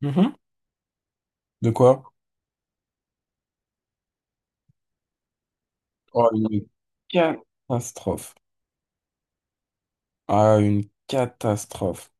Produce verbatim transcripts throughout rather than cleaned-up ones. Mhm. De quoi? Oh, une catastrophe. Ah, une catastrophe.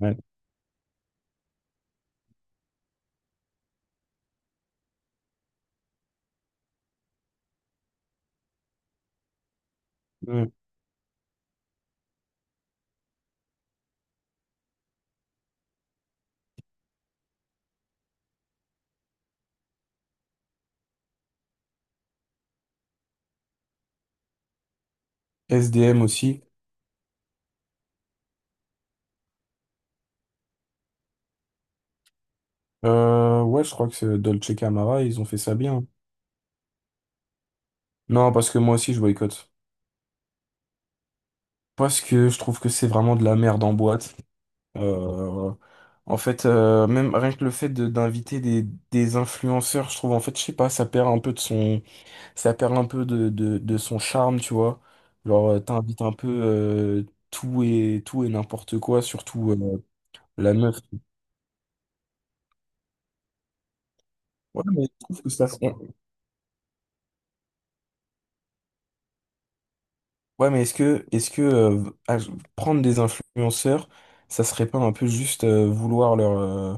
Ouais. Euh, S D M aussi. Euh, ouais, je crois que c'est Dolce Camara, ils ont fait ça bien. Non, parce que moi aussi, je boycotte. Parce que je trouve que c'est vraiment de la merde en boîte. Euh, En fait, euh, même rien que le fait de- d'inviter des, des influenceurs, je trouve, en fait, je sais pas, ça perd un peu de son... ça perd un peu de, de, de son charme, tu vois. Genre, euh, t'invites un peu euh, tout et tout et n'importe quoi, surtout euh, la meuf. Ouais, mais je trouve que ça. on- Ouais, mais est-ce que est-ce que euh, ah, je- prendre des influenceurs, ça serait pas un peu juste euh, vouloir leur euh,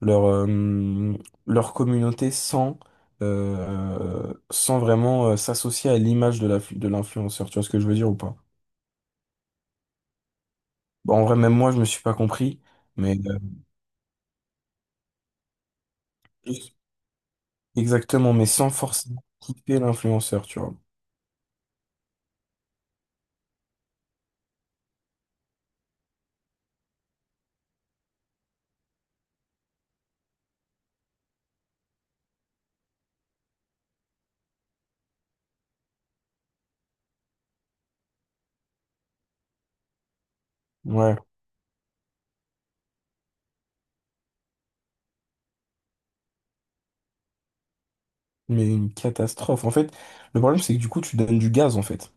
leur euh, leur communauté sans euh, sans vraiment euh, s'associer à l'image de la de l'influenceur, tu vois ce que je veux dire ou pas? Bon, en vrai, même moi, je me suis pas compris, mais euh, exactement, mais sans forcément quitter l'influenceur, tu vois. Ouais, mais une catastrophe. En fait, le problème, c'est que du coup, tu donnes du gaz, en fait.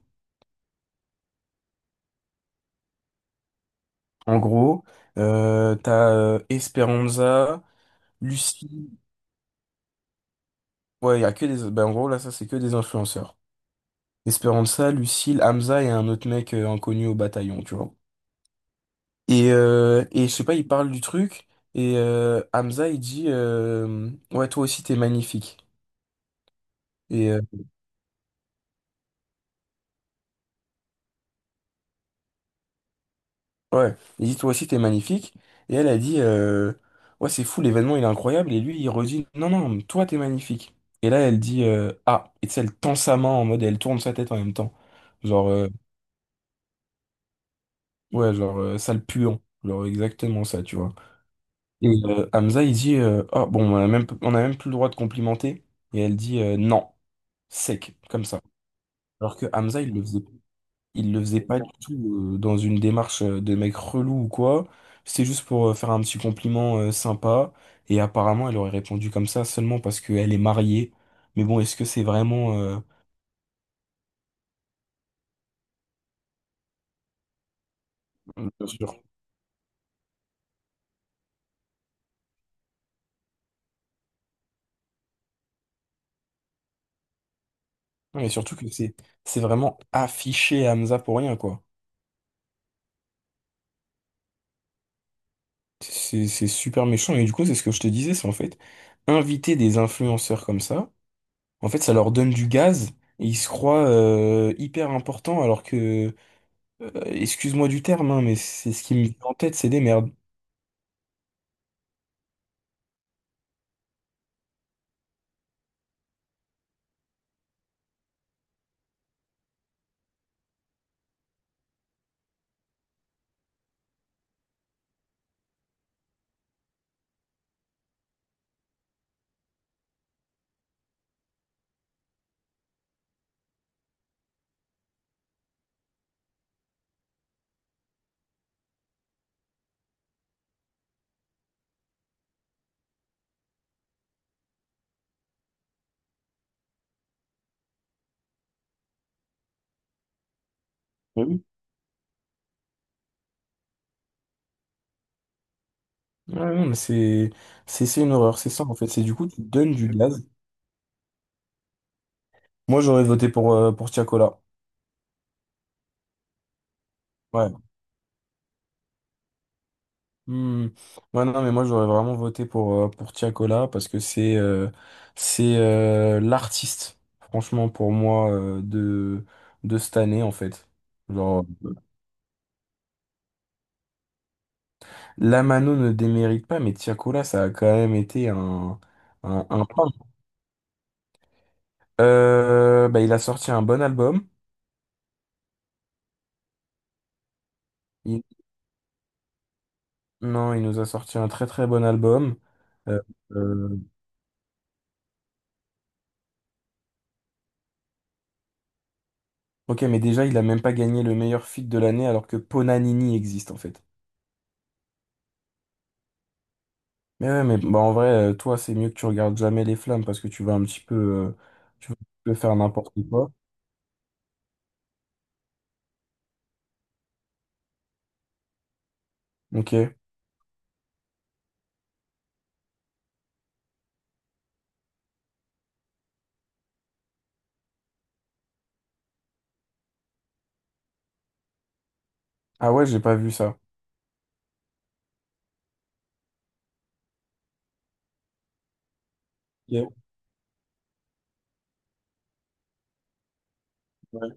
En gros, euh, t'as euh, Esperanza, Lucille. Ouais, il y a que des. Ben, en gros, là, ça, c'est que des influenceurs. Esperanza, Lucille, Hamza et un autre mec euh, inconnu au bataillon, tu vois. Et, euh, et je sais pas, il parle du truc, et euh, Hamza, il dit euh, ouais, toi aussi, t'es magnifique. Ouais, il dit toi aussi t'es magnifique. Et elle a dit euh, ouais, c'est fou, l'événement il est incroyable, et lui il redit non non toi t'es magnifique. Et là elle dit euh, ah, et tu sais, elle tend sa main en mode elle tourne sa tête en même temps genre euh, ouais genre euh, sale puant, genre exactement ça, tu vois. Et euh, Hamza il dit euh, ah bon, on a même on a même plus le droit de complimenter, et elle dit euh, non, sec comme ça. Alors que Hamza il le faisait. Il le faisait pas du tout euh, dans une démarche euh, de mec relou ou quoi. C'était juste pour euh, faire un petit compliment euh, sympa. Et apparemment, elle aurait répondu comme ça seulement parce qu'elle est mariée. Mais bon, est-ce que c'est vraiment... euh, bien sûr. Non, mais surtout que c'est c'est vraiment affiché à Hamza pour rien, quoi. C'est c'est super méchant. Et du coup, c'est ce que je te disais, c'est en fait, inviter des influenceurs comme ça, en fait, ça leur donne du gaz et ils se croient euh, hyper importants alors que... Euh, excuse-moi du terme, hein, mais c'est ce qui me vient en tête, c'est des merdes. Mais oui. Ouais, non, mais c'est c'est c'est une horreur, c'est ça en fait. C'est du coup, tu donnes du gaz. Moi, j'aurais voté pour, euh, pour Tiakola. Ouais. Hmm. Ouais, non, mais moi, j'aurais vraiment voté pour, euh, pour Tiakola parce que c'est euh, c'est euh, l'artiste, franchement, pour moi, euh, de, de cette année en fait. Genre, Lamano ne démérite pas, mais Tiakola, ça a quand même été un, un, un pain. Euh, bah, il a sorti un bon album. Non, il nous a sorti un très très bon album. Euh, euh, ok, mais déjà, il a même pas gagné le meilleur feat de l'année alors que Ponanini existe en fait. Mais ouais, mais bah, en vrai, euh, toi, c'est mieux que tu regardes jamais les flammes parce que tu vas un petit peu, euh, tu vas un petit peu faire n'importe quoi. Ok. Ah ouais, j'ai pas vu ça. Ok. Ouais.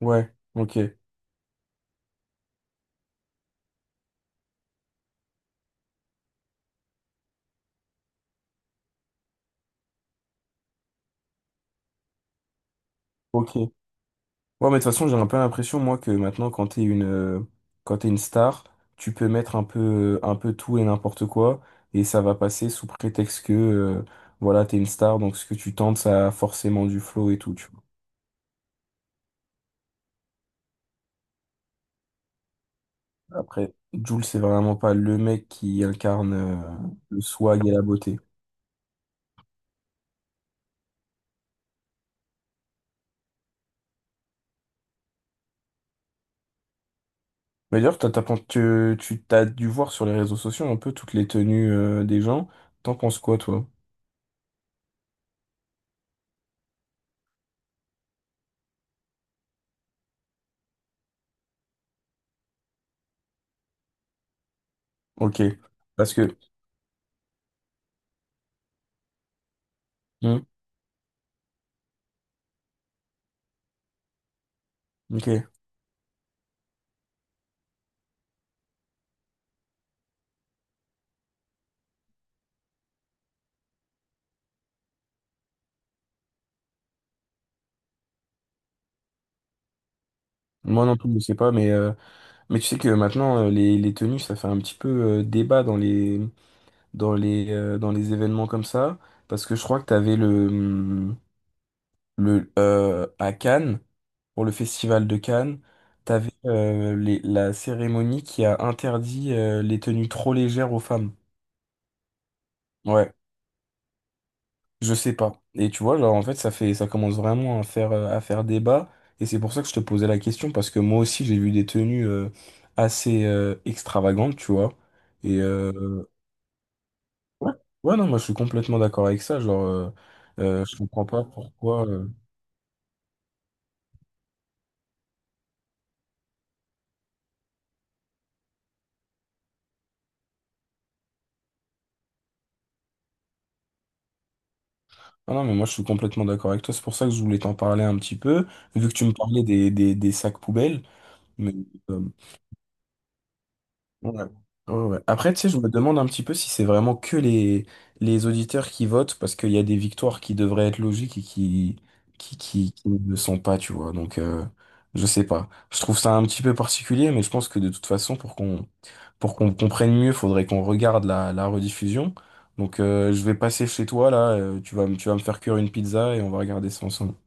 Ouais, ok. Ok. Ouais, mais de toute façon, j'ai un peu l'impression, moi, que maintenant, quand t'es une, euh, quand t'es une star, tu peux mettre un peu, un peu tout et n'importe quoi, et ça va passer sous prétexte que, euh, voilà, t'es une star, donc ce que tu tentes, ça a forcément du flow et tout, tu vois. Après, Jules, c'est vraiment pas le mec qui incarne, euh, le swag et la beauté. Mais d'ailleurs, t'as, t'as pen- tu, tu t'as dû voir sur les réseaux sociaux un peu toutes les tenues, euh, des gens. T'en penses quoi, toi? Ok. Parce que, hmm, ok. Moi non plus, je sais pas, mais. euh, Mais tu sais que maintenant, euh, les, les tenues, ça fait un petit peu euh, débat dans les, dans les, euh, dans les événements comme ça. Parce que je crois que tu avais le, hum, le euh, à Cannes, pour le festival de Cannes, tu avais la cérémonie qui a interdit euh, les tenues trop légères aux femmes. Ouais, je sais pas. Et tu vois, genre en fait, ça fait, ça commence vraiment à faire, euh, à faire débat. Et c'est pour ça que je te posais la question, parce que moi aussi, j'ai vu des tenues euh, assez euh, extravagantes, tu vois. Et, euh, ouais, ouais, non, moi je suis complètement d'accord avec ça. Genre, euh, euh, je comprends pas pourquoi. euh, Ah non, mais moi je suis complètement d'accord avec toi. C'est pour ça que je voulais t'en parler un petit peu, vu que tu me parlais des, des, des sacs poubelles. Mais euh, ouais. Ouais, ouais. Après, tu sais, je me demande un petit peu si c'est vraiment que les, les auditeurs qui votent, parce qu'il y a des victoires qui devraient être logiques et qui, qui, qui, qui ne le sont pas, tu vois. Donc, euh, je sais pas. Je trouve ça un petit peu particulier, mais je pense que de toute façon, pour qu'on pour qu'on comprenne mieux, faudrait qu'on regarde la, la rediffusion. Donc, euh, je vais passer chez toi, là, euh, tu vas, me- tu vas me faire cuire une pizza et on va regarder ça ensemble.